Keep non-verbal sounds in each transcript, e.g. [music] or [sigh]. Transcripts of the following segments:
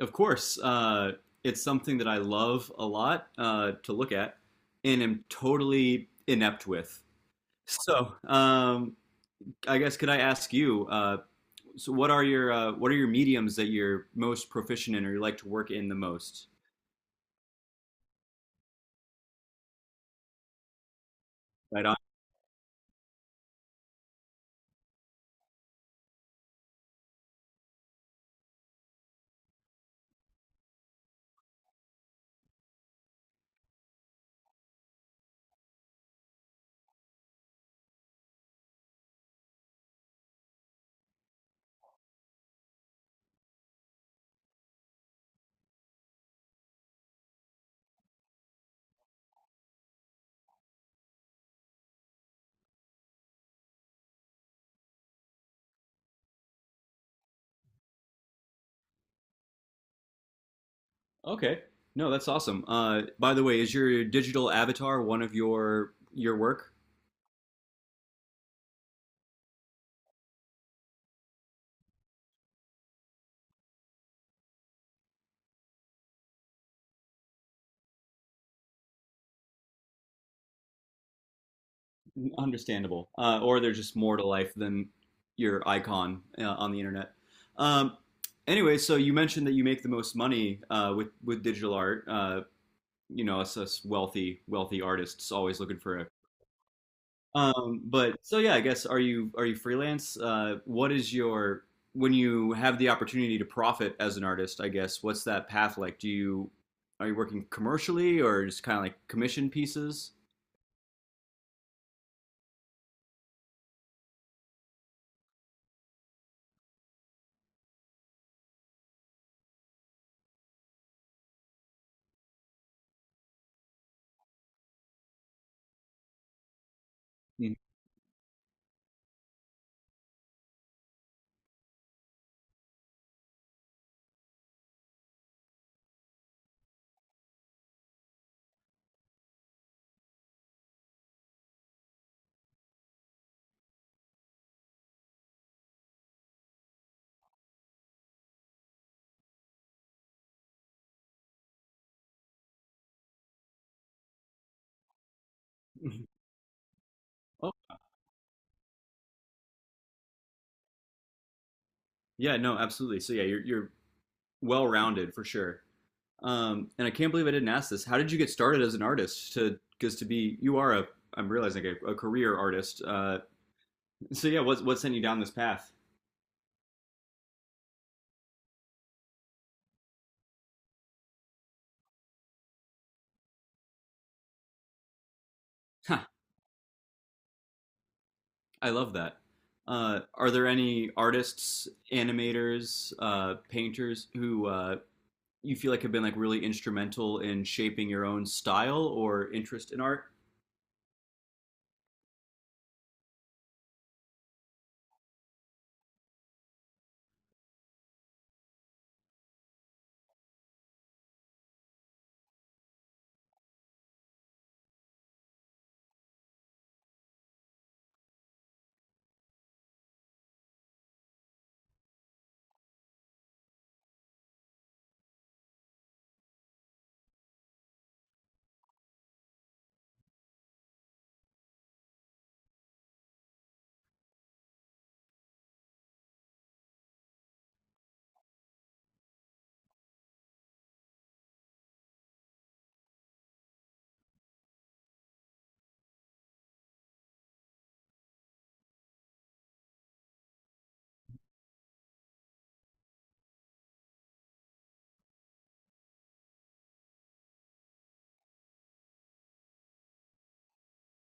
Of course. It's something that I love a lot to look at and am totally inept with. So, um, I guess, could I ask you? What are your mediums that you're most proficient in, or you like to work in the most? Right on. Okay. No, that's awesome. By the way, is your digital avatar one of your work? Understandable. Or there's just more to life than your icon on the internet. Um, anyway, so you mentioned that you make the most money with digital art. Us wealthy artists always looking for a. But so yeah, I guess, are you freelance? What is your, when you have the opportunity to profit as an artist? I guess, what's that path like? Do you Are you working commercially or just kind of like commission pieces? Mm. Mhm. Oh, yeah, no, absolutely. So yeah, you're well-rounded for sure. And I can't believe I didn't ask this. How did you get started as an artist? To because to be you are a I'm realizing a career artist. [laughs] So yeah, what sent you down this path? Huh. I love that. Are there any artists, animators, painters who you feel like have been like really instrumental in shaping your own style or interest in art?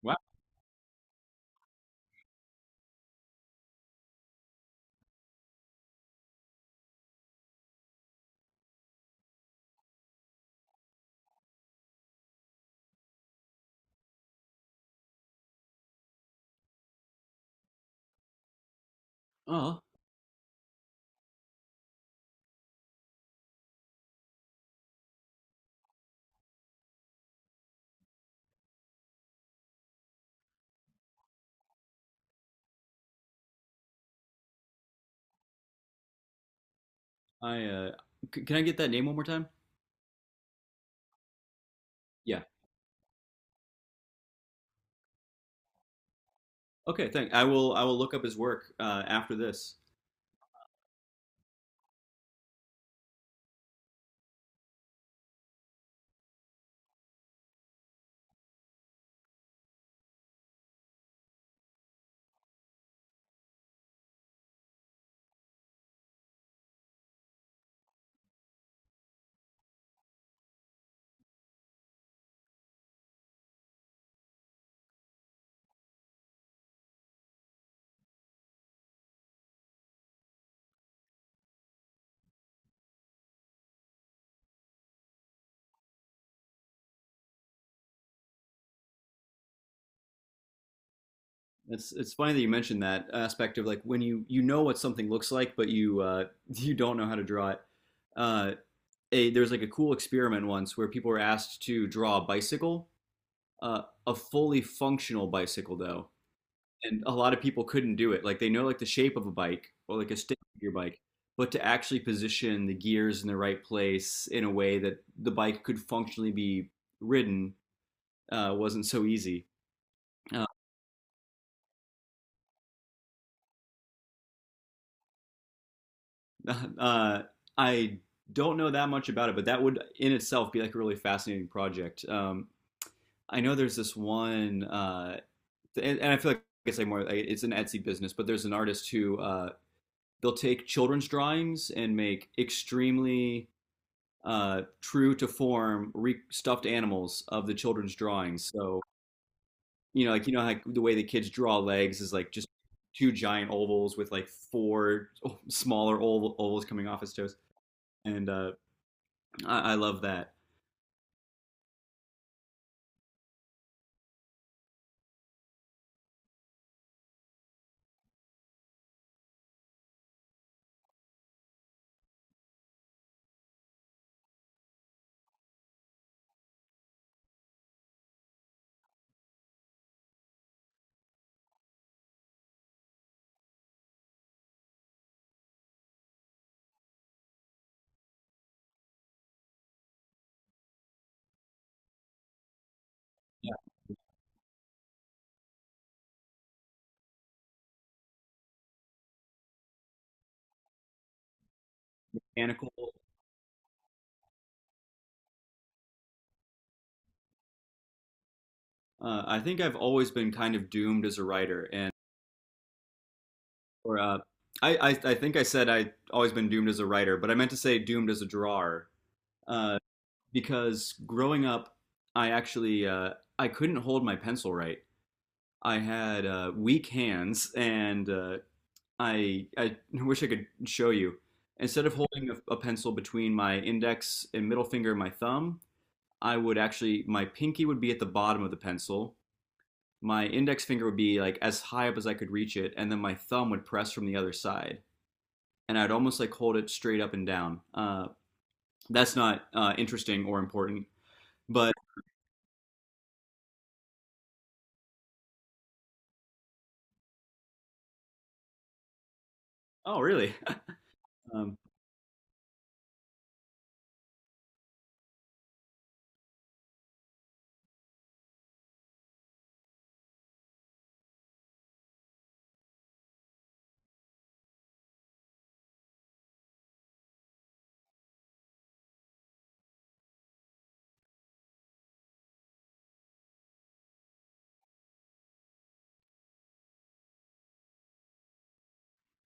Wow. Oh, I can I get that name one more time? Yeah. Okay, thank. I will. I will look up his work after this. It's funny that you mentioned that aspect of like when you know what something looks like, but you [laughs] you don't know how to draw it. Uh, a There's like a cool experiment once where people were asked to draw a bicycle, uh, a fully functional bicycle though, and a lot of people couldn't do it. Like, they know like the shape of a bike or like a stick of your bike, but to actually position the gears in the right place in a way that the bike could functionally be ridden wasn't so easy. Uh, [laughs] uh, I don't know that much about it, but that would in itself be like a really fascinating project. I know there's this one, and I feel like it's like more like, it's an Etsy business, but there's an artist who they'll take children's drawings and make extremely true to form stuffed animals of the children's drawings. So you know, like, you know, like the way the kids draw legs is like just two giant ovals with like four [laughs] smaller ovals coming off his toes, and I love that. Yeah. Mechanical. I think I've always been kind of doomed as a writer, and or I think I said I always been doomed as a writer, but I meant to say doomed as a drawer uh, because growing up, I actually I couldn't hold my pencil right. I had weak hands, and I wish I could show you. Instead of holding a pencil between my index and middle finger and my thumb, I would actually, my pinky would be at the bottom of the pencil. My index finger would be like as high up as I could reach it, and then my thumb would press from the other side, and I'd almost like hold it straight up and down. That's not interesting or important, but oh, really? [laughs] Um,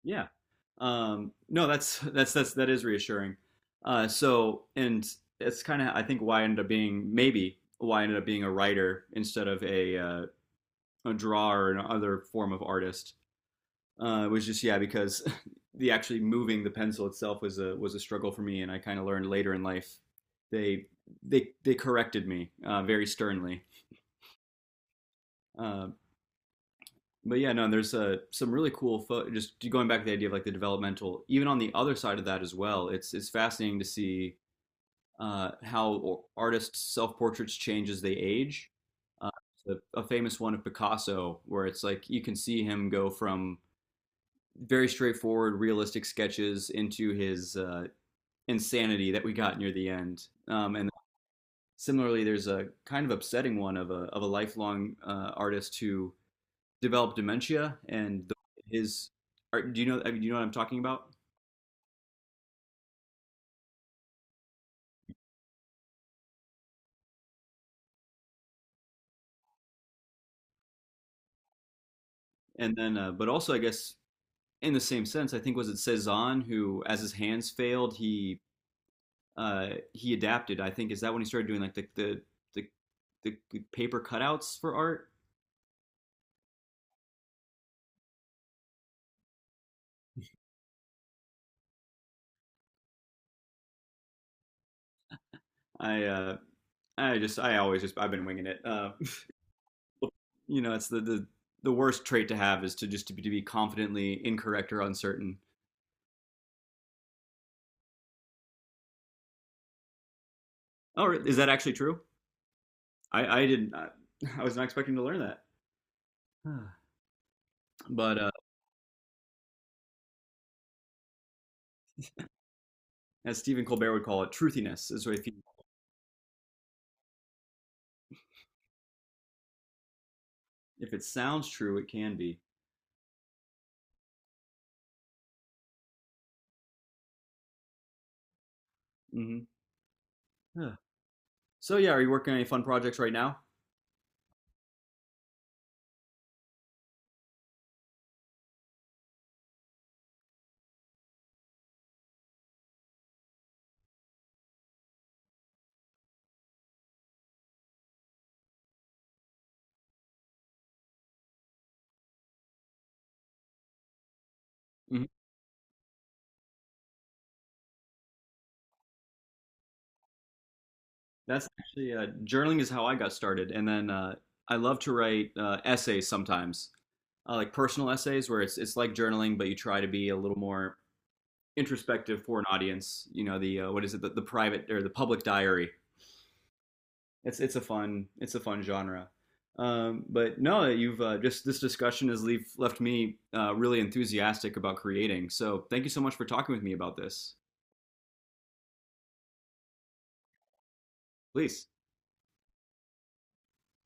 Yeah. No, that's that's that is reassuring. So, and it's kind of, I think, why I ended up being, maybe why I ended up being a writer instead of a drawer or another form of artist was just, yeah, because [laughs] the actually moving the pencil itself was a struggle for me, and I kind of learned later in life they they corrected me very sternly uh, but yeah, no, and there's some really cool just going back to the idea of like the developmental, even on the other side of that as well. It's fascinating to see how artists' self-portraits change as they age. Uh, a famous one of Picasso, where it's like you can see him go from very straightforward, realistic sketches into his insanity that we got near the end. And similarly, there's a kind of upsetting one of a lifelong artist who developed dementia, and his art. Do you know, I mean, do you know what I'm talking about? And then, but also I guess in the same sense, I think, was it Cezanne who, as his hands failed, he adapted. I think, is that when he started doing like the paper cutouts for art? I just I always just I've been winging it. [laughs] You know, it's the worst trait to have is to just to be confidently incorrect or uncertain. Oh, is that actually true? I didn't I, [laughs] I was not expecting to learn that. But as Stephen Colbert would call it, truthiness. If it sounds true, it can be. Hmm. So yeah, are you working on any fun projects right now? Hmm. That's actually journaling is how I got started, and then I love to write essays sometimes, like personal essays where it's like journaling, but you try to be a little more introspective for an audience. You know, the what is it the private or the public diary, it's a fun genre. But no, you've just this discussion has left me really enthusiastic about creating. So thank you so much for talking with me about this. Please.